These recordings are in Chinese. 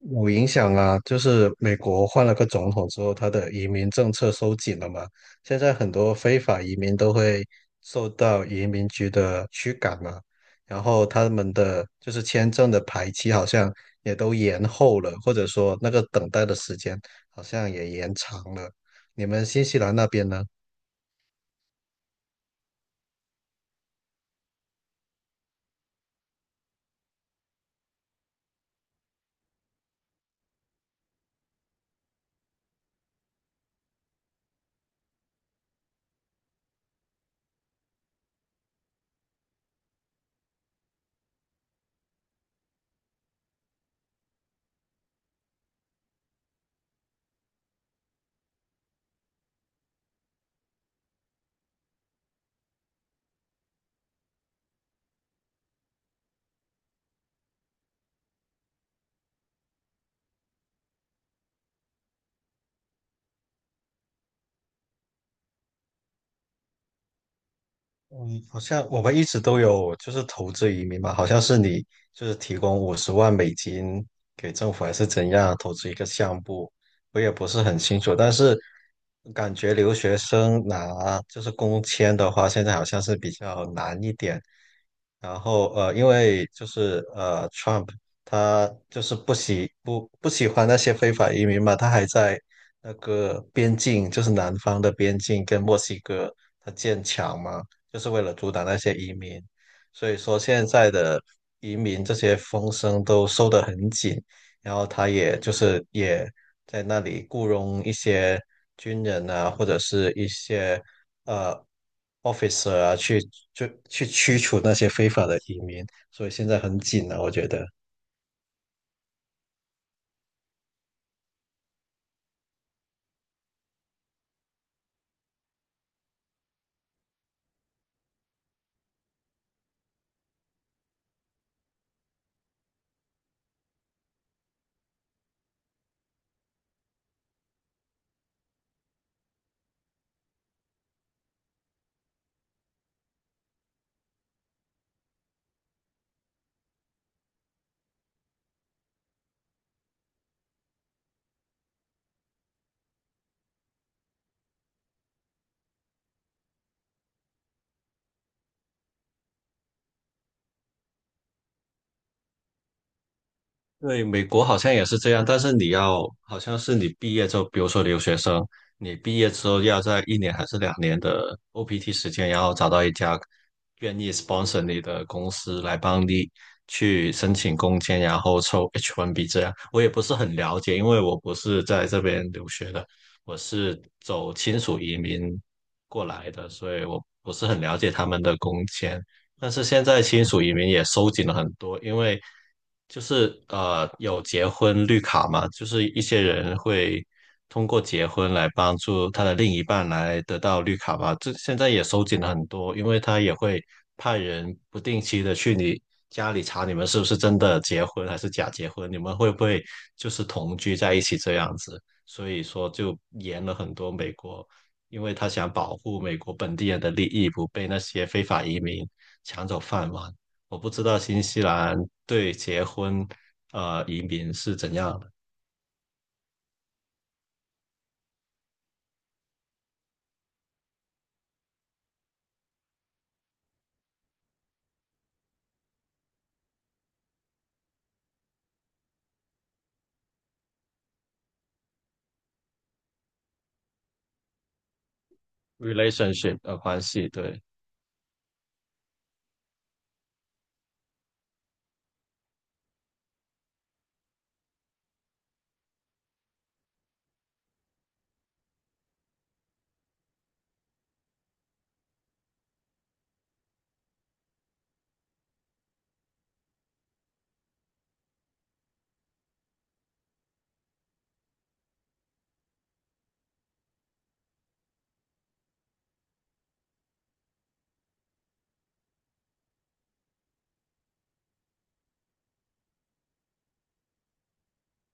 有影响啊，就是美国换了个总统之后，他的移民政策收紧了嘛。现在很多非法移民都会受到移民局的驱赶嘛，然后他们的就是签证的排期好像也都延后了，或者说那个等待的时间好像也延长了。你们新西兰那边呢？嗯，好像我们一直都有就是投资移民嘛，好像是你就是提供50万美金给政府还是怎样投资一个项目，我也不是很清楚。但是感觉留学生拿就是工签的话，现在好像是比较难一点。然后因为就是Trump 他就是不喜欢那些非法移民嘛，他还在那个边境，就是南方的边境跟墨西哥他建墙嘛。就是为了阻挡那些移民。所以说现在的移民这些风声都收得很紧，然后他也就是也在那里雇佣一些军人啊，或者是一些呃 officer 啊，就去驱除那些非法的移民。所以现在很紧啊，我觉得。对，美国好像也是这样，但是你要，好像是你毕业之后，比如说留学生，你毕业之后要在一年还是2年的 OPT 时间，然后找到一家愿意 sponsor 你的公司来帮你去申请工签，然后抽 H1B 这样。我也不是很了解，因为我不是在这边留学的，我是走亲属移民过来的，所以我不是很了解他们的工签。但是现在亲属移民也收紧了很多，因为就是有结婚绿卡嘛，就是一些人会通过结婚来帮助他的另一半来得到绿卡吧。这现在也收紧了很多，因为他也会派人不定期的去你家里查你们是不是真的结婚还是假结婚，你们会不会就是同居在一起这样子。所以说就严了很多，美国因为他想保护美国本地人的利益不被那些非法移民抢走饭碗。我不知道新西兰对结婚移民是怎样的 relationship 关系，对，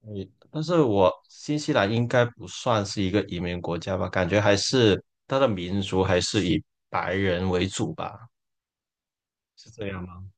但是我新西兰应该不算是一个移民国家吧？感觉还是它的民族还是以白人为主吧？是这样吗？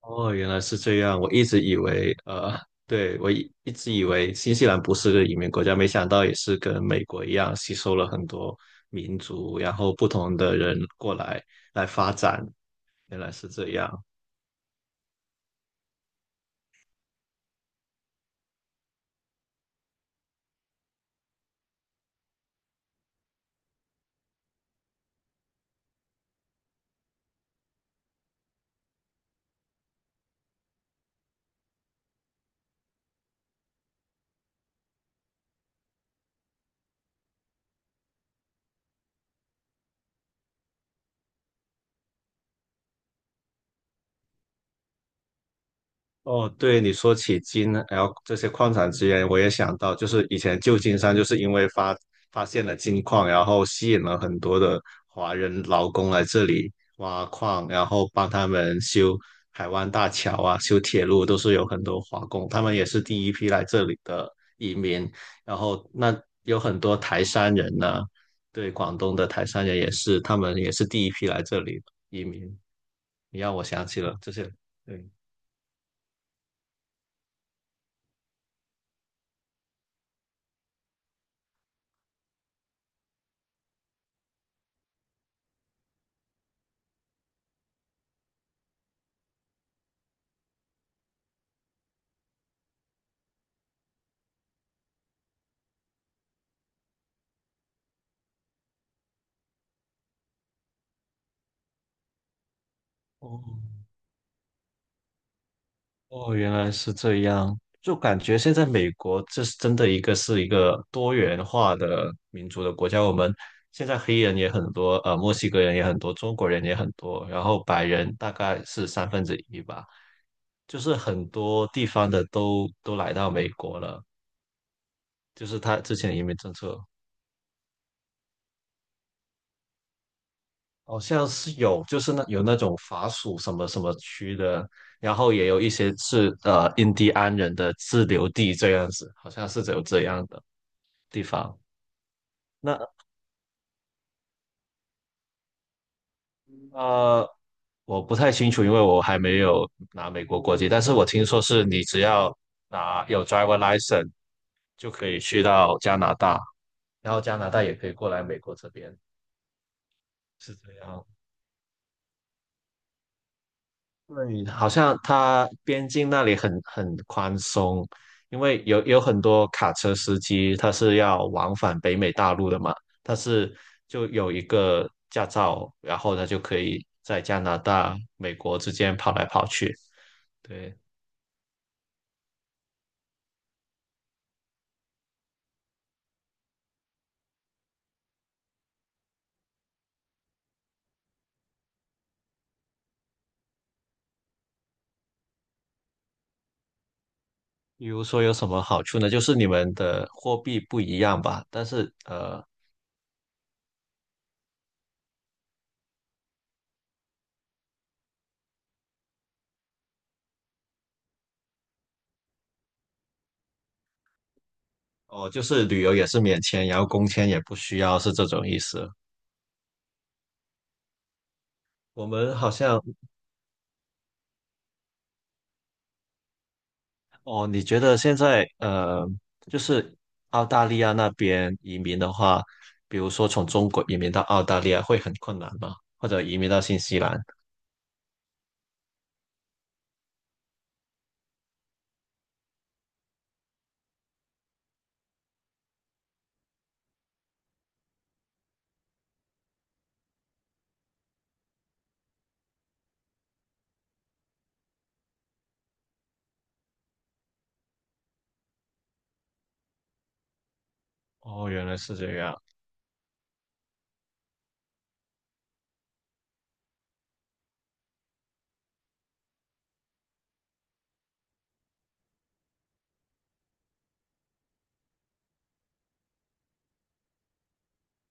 哦，原来是这样。我一直以为，对，我一直以为新西兰不是个移民国家，没想到也是跟美国一样，吸收了很多民族，然后不同的人过来来发展。原来是这样。哦，对你说起金，然后这些矿产资源，我也想到，就是以前旧金山就是因为发现了金矿，然后吸引了很多的华人劳工来这里挖矿，然后帮他们修海湾大桥啊、修铁路，都是有很多华工，他们也是第一批来这里的移民。然后那有很多台山人呢，对，广东的台山人也是，他们也是第一批来这里移民。你让我想起了这些，对。哦，哦，原来是这样，就感觉现在美国这是真的一个是一个多元化的民族的国家。我们现在黑人也很多，墨西哥人也很多，中国人也很多，然后白人大概是三分之一吧，就是很多地方的都来到美国了。就是他之前的移民政策好像是有，就是那有那种法属什么什么区的，然后也有一些是印第安人的自留地这样子，好像是有这样的地方。那呃，我不太清楚，因为我还没有拿美国国籍，但是我听说是你只要拿有 driver license 就可以去到加拿大，然后加拿大也可以过来美国这边，是这样。对，好像它边境那里很宽松，因为有很多卡车司机他是要往返北美大陆的嘛，他是就有一个驾照，然后他就可以在加拿大、美国之间跑来跑去。对，比如说有什么好处呢？就是你们的货币不一样吧，但是哦，就是旅游也是免签，然后工签也不需要，是这种意思。我们好像，哦，你觉得现在就是澳大利亚那边移民的话，比如说从中国移民到澳大利亚会很困难吗？或者移民到新西兰？哦，原来是这样。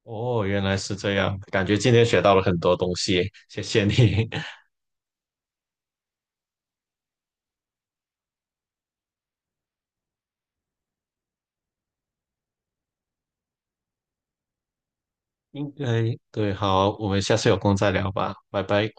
哦，原来是这样，感觉今天学到了很多东西，谢谢你。应该，对，好，我们下次有空再聊吧，拜拜。